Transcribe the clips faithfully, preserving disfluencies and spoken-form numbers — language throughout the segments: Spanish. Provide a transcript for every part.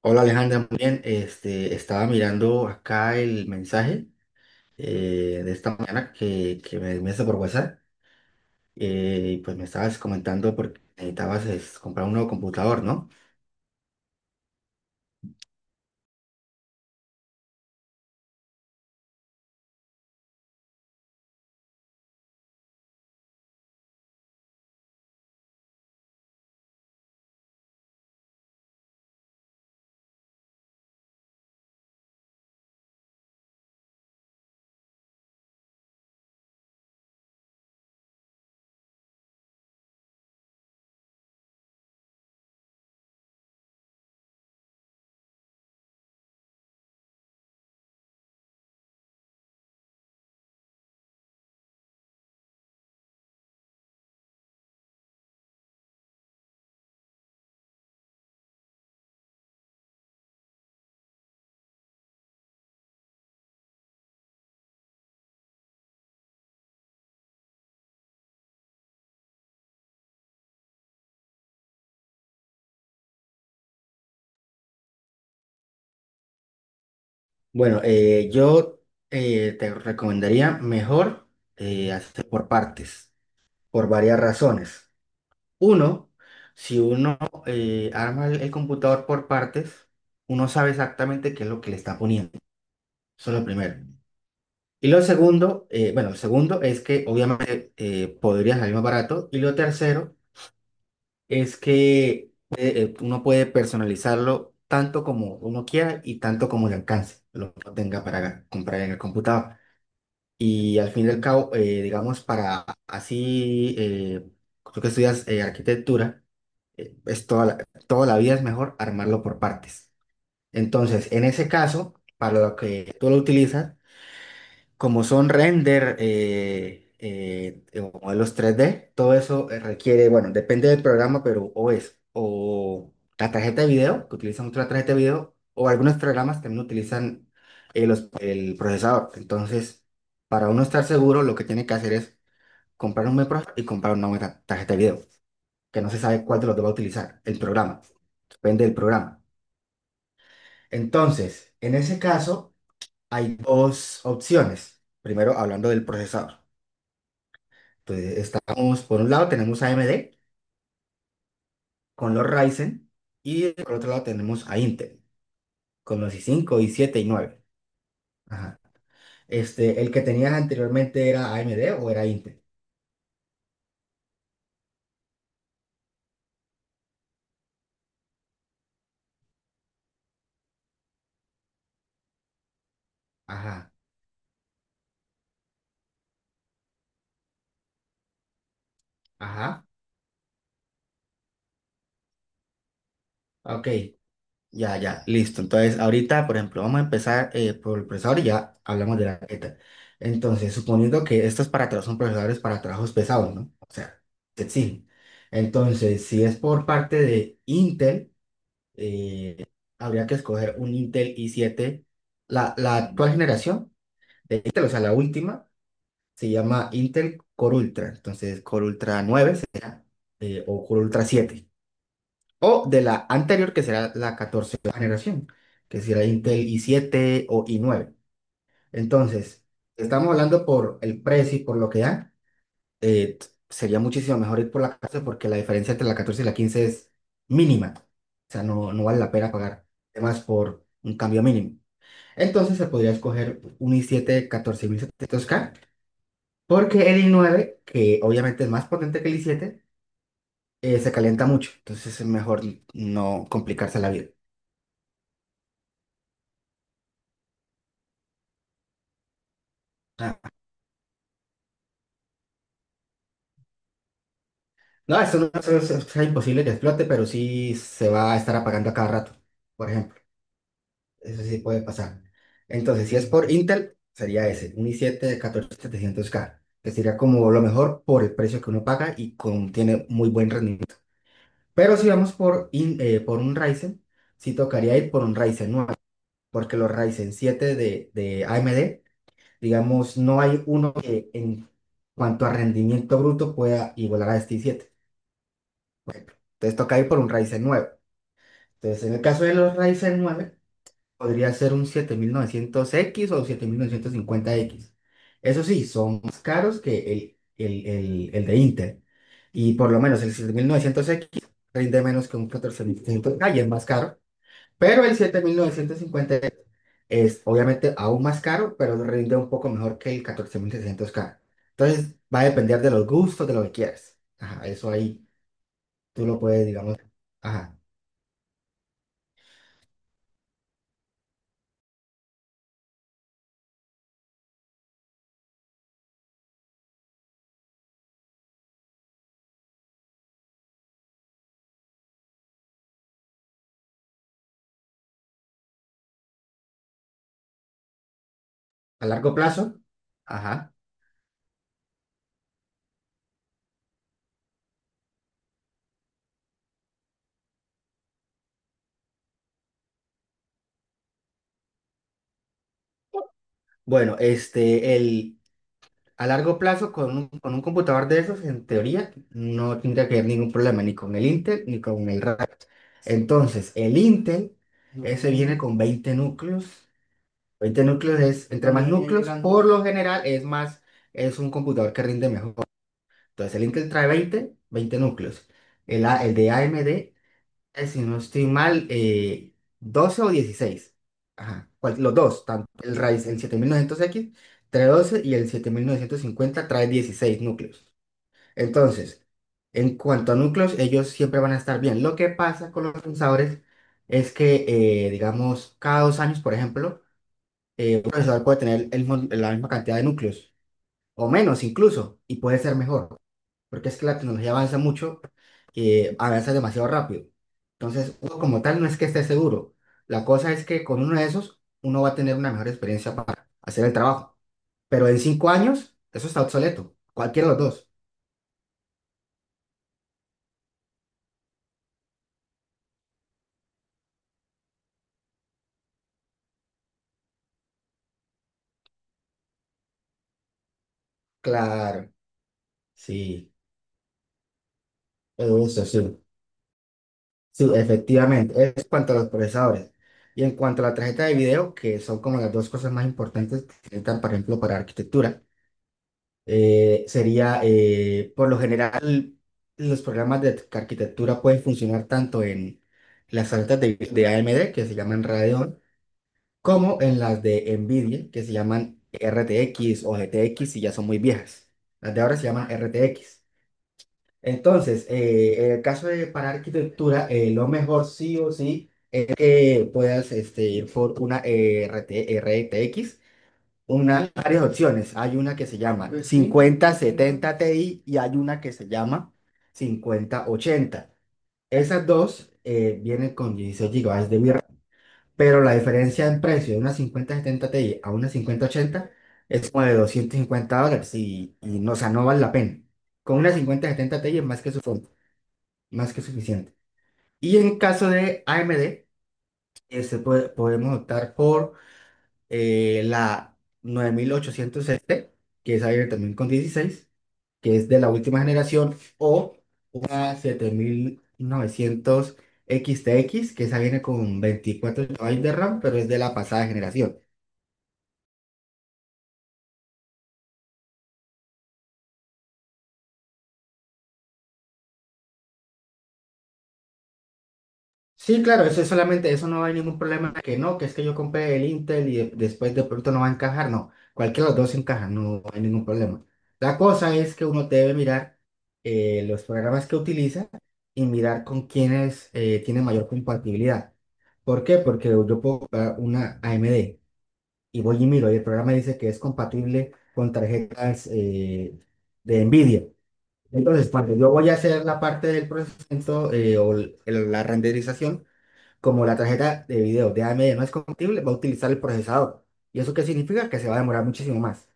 Hola Alejandra, muy bien. Este, estaba mirando acá el mensaje eh, de esta mañana que, que me enviaste por WhatsApp eh, y pues me estabas comentando porque necesitabas es, comprar un nuevo computador, ¿no? Bueno, eh, yo eh, te recomendaría mejor eh, hacer por partes, por varias razones. Uno, si uno eh, arma el el computador por partes, uno sabe exactamente qué es lo que le está poniendo. Eso es lo primero. Y lo segundo, eh, bueno, lo segundo es que obviamente eh, podría salir más barato. Y lo tercero es que eh, eh, uno puede personalizarlo tanto como uno quiera y tanto como le alcance, lo que tenga para comprar en el computador. Y al fin y al cabo, eh, digamos, para así, eh, tú que estudias eh, arquitectura, eh, es toda la, toda la vida es mejor armarlo por partes. Entonces, en ese caso, para lo que tú lo utilizas, como son render eh, eh, o modelos tres D, todo eso eh, requiere, bueno, depende del programa, pero o es o la tarjeta de video, que utilizan mucho la tarjeta de video, o algunos programas también utilizan eh, los- el procesador. Entonces, para uno estar seguro, lo que tiene que hacer es comprar un buen procesador y comprar una buena tarjeta de video, que no se sabe cuál de los dos va a utilizar el programa, depende del programa. Entonces, en ese caso, hay dos opciones. Primero, hablando del procesador. Entonces, estamos, por un lado tenemos a AMD con los Ryzen, y por otro lado tenemos a Intel con los i cinco, i siete y nueve. Ajá. Este, el que tenías anteriormente, ¿era A M D o era Intel? Ajá, ajá. Ok, ya, ya, listo. Entonces, ahorita, por ejemplo, vamos a empezar eh, por el procesador y ya hablamos de la tarjeta. Entonces, suponiendo que estos para tra- son procesadores para trabajos pesados, ¿no? O sea, te exigen. Entonces, si es por parte de Intel, eh, habría que escoger un Intel i siete. La, la actual generación de Intel, o sea, la última, se llama Intel Core Ultra. Entonces, Core Ultra nueve se- eh, o Core Ultra siete. O de la anterior, que será la catorce generación, que será Intel i siete o i nueve. Entonces, estamos hablando por el precio y por lo que dan. Eh, t- sería muchísimo mejor ir por la catorce porque la diferencia entre la catorce y la quince es mínima. O sea, no, no vale la pena pagar más por un cambio mínimo. Entonces se podría escoger un i siete catorce mil setecientos K porque el i nueve, que obviamente es más potente que el i siete, eh, se calienta mucho. Entonces es mejor no complicarse la vida. Ah, no, eso no eso es, eso es imposible que explote, pero sí se va a estar apagando a cada rato. Por ejemplo. Eso sí puede pasar. Entonces, si es por Intel, sería ese, un i siete de catorce mil setecientos k, que sería como lo mejor por el precio que uno paga y con, tiene muy buen rendimiento. Pero si vamos por, in- eh, por un Ryzen, sí tocaría ir por un Ryzen nueve, porque los Ryzen siete de, de A M D, digamos, no hay uno que en cuanto a rendimiento bruto pueda igualar a este i siete. Entonces toca ir por un Ryzen nueve. Entonces, en el caso de los Ryzen nueve, podría ser un siete mil novecientos x o siete mil novecientos cincuenta x. Eso sí, son más caros que el, el, el, el de Intel. Y por lo menos el siete mil novecientos x rinde menos que un catorce mil quinientos K y es más caro. Pero el siete mil novecientos cincuenta es obviamente aún más caro, pero rinde un poco mejor que el catorce mil seiscientos k. Entonces va a depender de los gustos, de lo que quieras. Ajá, eso ahí tú lo puedes, digamos, ajá, a largo plazo. Ajá. Bueno, este, el, a largo plazo, con un, con un computador de esos, en teoría, no tendría que haber ningún problema ni con el Intel ni con el RAM. Entonces, el Intel, ese viene Mm, con veinte núcleos. Veinte núcleos es, entre más También es núcleos, grande. Por lo general, es más, es un computador que rinde mejor. Entonces, el Intel trae veinte veinte núcleos. El, A- el de A M D, eh, si no estoy mal, eh, doce o dieciséis. Ajá, cual- los dos, tanto el raíz, el siete mil novecientos x, trae doce, y el siete mil novecientos cincuenta trae dieciséis núcleos. Entonces, en cuanto a núcleos, ellos siempre van a estar bien. Lo que pasa con los procesadores es que, eh, digamos, cada dos años, por ejemplo, eh, un procesador puede tener el mon- la misma cantidad de núcleos, o menos incluso, y puede ser mejor porque es que la tecnología avanza mucho, eh, avanza demasiado rápido. Entonces, uno como tal no es que esté seguro. La cosa es que con uno de esos, uno va a tener una mejor experiencia para hacer el trabajo. Pero en cinco años, eso está obsoleto. Cualquiera de los dos. Claro, sí, eso sí. Sí, efectivamente. Es cuanto a los procesadores. Y en cuanto a la tarjeta de video, que son como las dos cosas más importantes que se necesitan, por ejemplo, para arquitectura. Eh, sería, eh, por lo general, los programas de arquitectura pueden funcionar tanto en las tarjetas de, de A M D, que se llaman Radeon, como en las de NVIDIA, que se llaman R T X o G T X, y ya son muy viejas. Las de ahora se llaman R T X. Entonces, eh, en el caso de para arquitectura, eh, lo mejor sí o sí es que puedas este, ir por una eh, R T R T X. Una, varias opciones. Hay una que se llama, pues sí, cincuenta setenta Ti, y hay una que se llama cincuenta ochenta. Esas dos eh, vienen con dieciséis gigabytes de V RAM, pero la diferencia en precio de una cincuenta setenta Ti a una cincuenta ochenta es como de doscientos cincuenta dólares y, y no, o sea, no vale la pena. Con una cincuenta setenta Ti es más que, su- más que suficiente. Y en caso de A M D, eh, se puede- podemos optar por eh, la nueve mil ochocientos s, que esa viene también con dieciséis, que es de la última generación, o una siete mil novecientos x, que esa viene con veinticuatro gigabytes de RAM, pero es de la pasada generación. Sí, claro, eso es solamente, eso no hay ningún problema que no, que es que yo compré el Intel y de- después de pronto no va a encajar, no, cualquiera de los dos encaja, no hay ningún problema. La cosa es que uno debe mirar eh, los programas que utiliza y mirar con quienes eh, tiene mayor compatibilidad. ¿Por qué? Porque yo puedo comprar una A M D y voy y miro y el programa dice que es compatible con tarjetas eh, de NVIDIA. Entonces, cuando yo voy a hacer la parte del procesamiento eh, o el- la renderización, como la tarjeta de video de A M D no es compatible, va a utilizar el procesador. ¿Y eso qué significa? Que se va a demorar muchísimo más.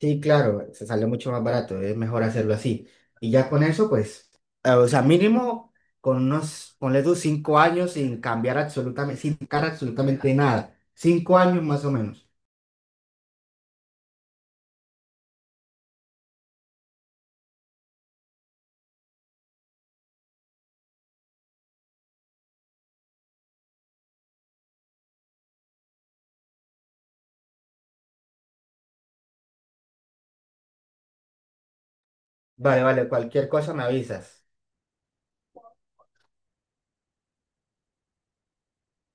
Sí, claro, se sale mucho más barato, es mejor hacerlo así. Y ya con eso, pues, eh, o sea, mínimo con unos, ponle tú cinco años sin cambiar absolutamente, sin tocar absolutamente nada. Cinco años más o menos. Vale, vale, cualquier cosa me avisas.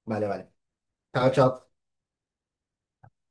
Vale, vale. Chao, chao.